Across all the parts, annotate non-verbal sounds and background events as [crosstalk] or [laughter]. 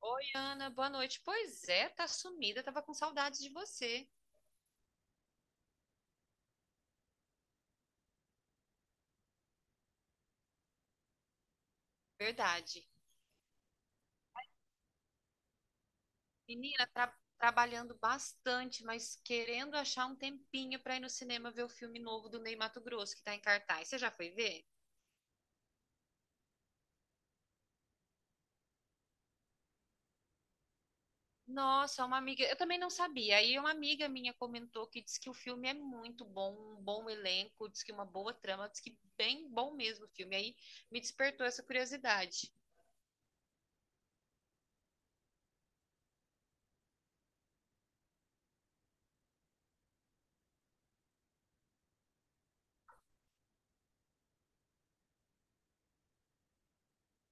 Oi, Ana, boa noite. Pois é, tá sumida, tava com saudade de você. Verdade. Menina, trabalhando bastante, mas querendo achar um tempinho pra ir no cinema ver o filme novo do Ney Matogrosso que tá em cartaz. Você já foi ver? Nossa, uma amiga, eu também não sabia. Aí uma amiga minha comentou que diz que o filme é muito bom, um bom elenco, diz que uma boa trama, diz que bem bom mesmo o filme. Aí me despertou essa curiosidade.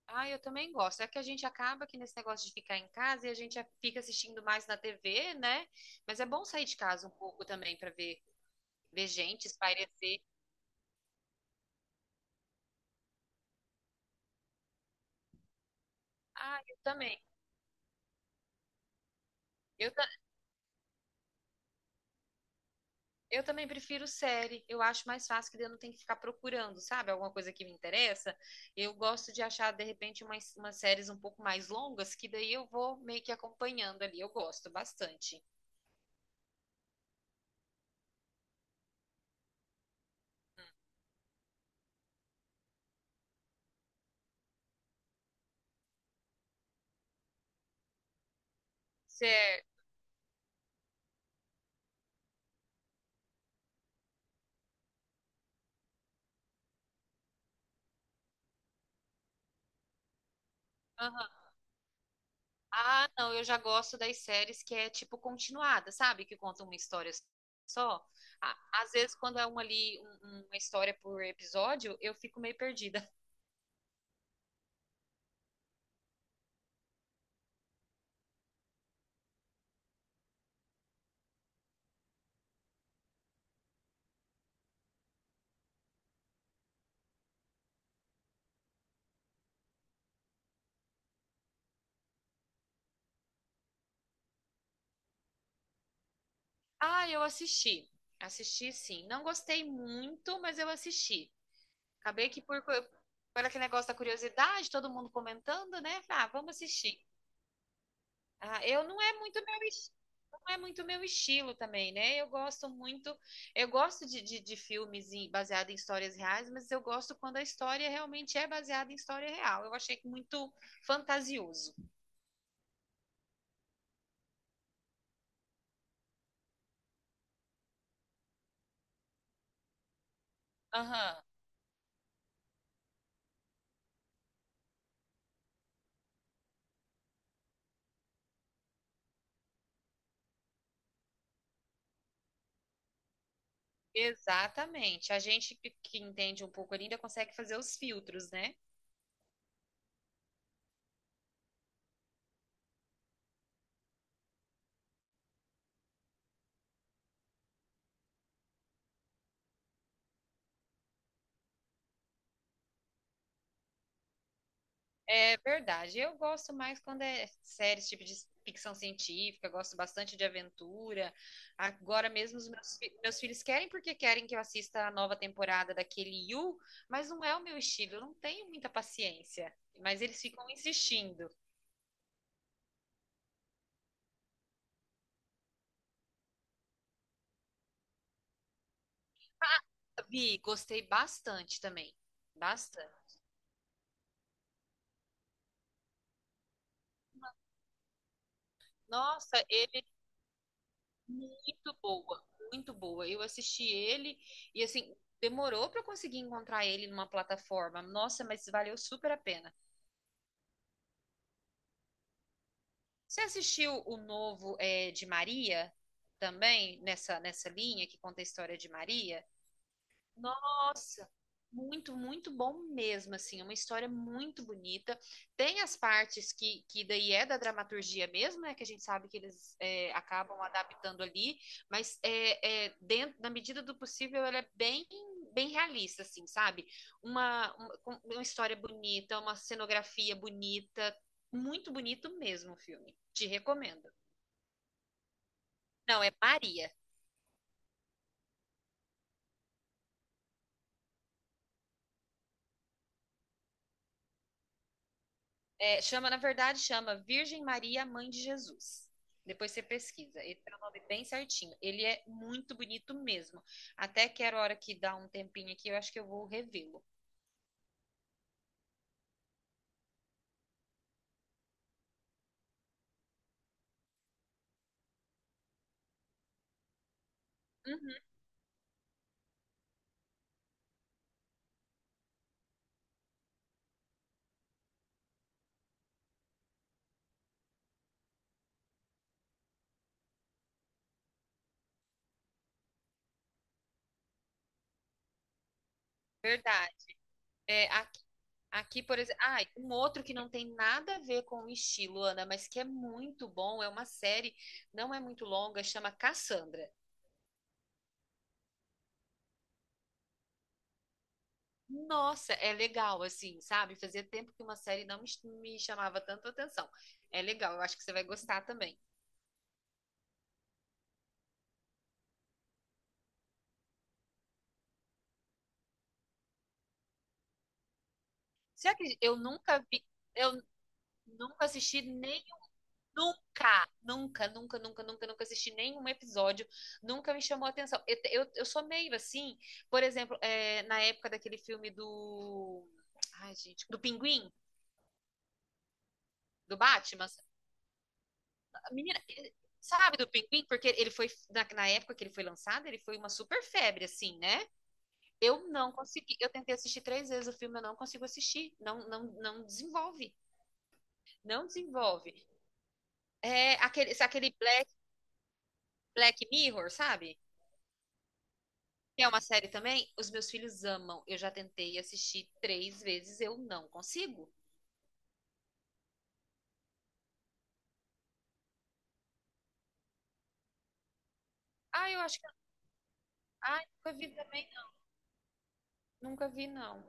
Ah, eu também gosto. É que a gente acaba que nesse negócio de ficar em casa e a gente fica assistindo mais na TV, né? Mas é bom sair de casa um pouco também para ver, ver gente, espairecer. Ah, eu também. Eu, ta- eu também prefiro série. Eu acho mais fácil que daí eu não tenho que ficar procurando, sabe? Alguma coisa que me interessa. Eu gosto de achar, de repente, umas séries um pouco mais longas, que daí eu vou meio que acompanhando ali. Eu gosto bastante. Certo. Ah, não, eu já gosto das séries que é tipo continuada, sabe? Que conta uma história só. Ah, às vezes, quando é uma ali, uma história por episódio, eu fico meio perdida. [laughs] Ah, eu assisti. Assisti, sim. Não gostei muito, mas eu assisti. Acabei que por aquele negócio da curiosidade, todo mundo comentando, né? Falei: "Ah, vamos assistir." Ah, eu não é muito meu, es- não é muito meu estilo também, né? Eu gosto muito, eu gosto de baseados em histórias reais, mas eu gosto quando a história realmente é baseada em história real. Eu achei que muito fantasioso. Aham, exatamente. A gente que entende um pouco ainda consegue fazer os filtros, né? É verdade. Eu gosto mais quando é séries tipo de ficção científica, gosto bastante de aventura. Agora mesmo os meus filhos querem porque querem que eu assista a nova temporada daquele You, mas não é o meu estilo, eu não tenho muita paciência. Mas eles ficam insistindo. Vi, gostei bastante também. Bastante. Nossa, ele é muito boa, muito boa. Eu assisti ele e assim, demorou para eu conseguir encontrar ele numa plataforma. Nossa, mas valeu super a pena. Você assistiu o novo de Maria também, nessa linha que conta a história de Maria? Nossa, muito, muito bom mesmo, assim, uma história muito bonita. Tem as partes que daí é da dramaturgia mesmo, né, que a gente sabe que eles acabam adaptando ali, mas dentro, na medida do possível, ela é bem, bem realista, assim, sabe? Uma história bonita, uma cenografia bonita, muito bonito mesmo o filme. Te recomendo. Não, é Maria. É, chama, na verdade, chama Virgem Maria, Mãe de Jesus. Depois você pesquisa. Ele tem o nome bem certinho. Ele é muito bonito mesmo. Até que era hora que dá um tempinho aqui, eu acho que eu vou revê-lo. Uhum, verdade. É, aqui, aqui, por exemplo. Ah, um outro que não tem nada a ver com o estilo, Ana, mas que é muito bom. É uma série, não é muito longa, chama Cassandra. Nossa, é legal, assim, sabe? Fazia tempo que uma série não me, me chamava tanto atenção. É legal, eu acho que você vai gostar também. Você acredita? Eu nunca vi, eu nunca assisti nem nunca, nunca, nunca, nunca, nunca, nunca assisti nenhum episódio, nunca me chamou a atenção. Eu sou meio assim, por exemplo, é, na época daquele filme do. Ai, gente, do Pinguim, do Batman. A menina, sabe do Pinguim? Porque ele foi, na época que ele foi lançado, ele foi uma super febre, assim, né? Eu não consegui, eu tentei assistir três vezes o filme, eu não consigo assistir. Não, não, não desenvolve. Não desenvolve. É, aquele Black Mirror, sabe? Que é uma série também. Os meus filhos amam. Eu já tentei assistir três vezes, eu não consigo. Ah, eu acho que. Ah, nunca vi também. Nunca vi, não.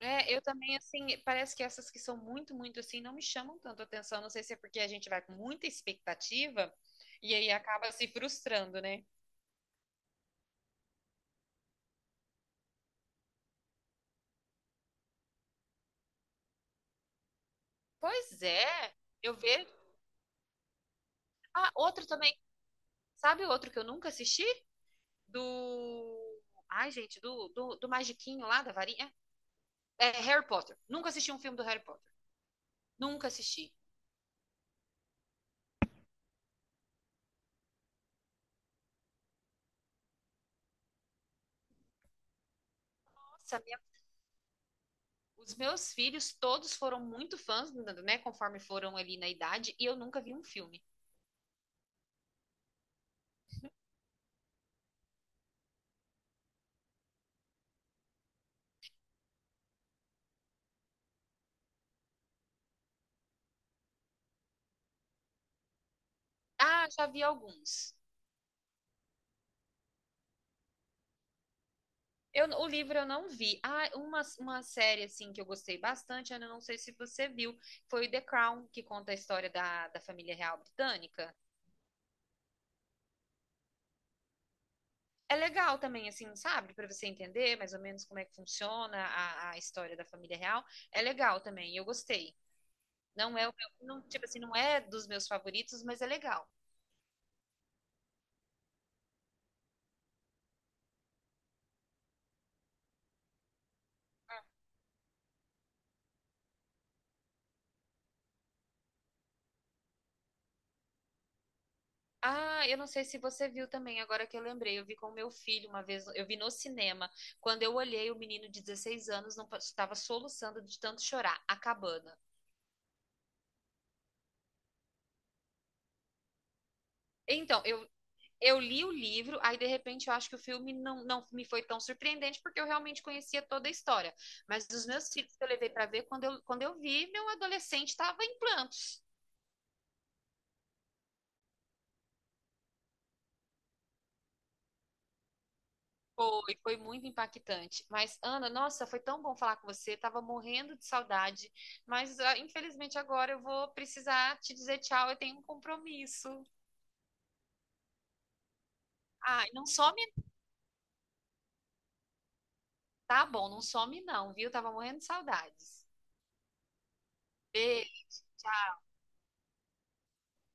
É, eu também, assim, parece que essas que são muito, muito assim, não me chamam tanto atenção. Não sei se é porque a gente vai com muita expectativa e aí acaba se frustrando, né? Pois é, eu vejo. Ah, outro também. Sabe outro que eu nunca assisti? Do. Ai, gente, do Magiquinho lá da varinha. É Harry Potter. Nunca assisti um filme do Harry Potter. Nunca assisti. Nossa, os meus filhos todos foram muito fãs, né? Conforme foram ali na idade, e eu nunca vi um filme. Ah, já vi alguns. Eu, o livro eu não vi. Ah, uma série assim que eu gostei bastante, Ana, não sei se você viu, foi The Crown, que conta a história da família real britânica. É legal também, assim, sabe? Para você entender mais ou menos como é que funciona a história da família real. É legal também, eu gostei. Não é o meu, não, tipo assim, não é dos meus favoritos, mas é legal. Ah, eu não sei se você viu também, agora que eu lembrei, eu vi com o meu filho uma vez, eu vi no cinema. Quando eu olhei, o menino de 16 anos não pa- estava soluçando de tanto chorar, A Cabana. Então, eu, eu li o livro, aí de repente eu acho que o filme não me foi tão surpreendente, porque eu realmente conhecia toda a história. Mas os meus filhos que eu levei para ver, quando eu vi, meu adolescente estava em planta. Foi, foi muito impactante. Mas, Ana, nossa, foi tão bom falar com você. Tava morrendo de saudade. Mas, ah, infelizmente, agora eu vou precisar te dizer tchau. Eu tenho um compromisso. Ah, não some, tá bom, não some não, viu? Tava morrendo de saudades. Beijo.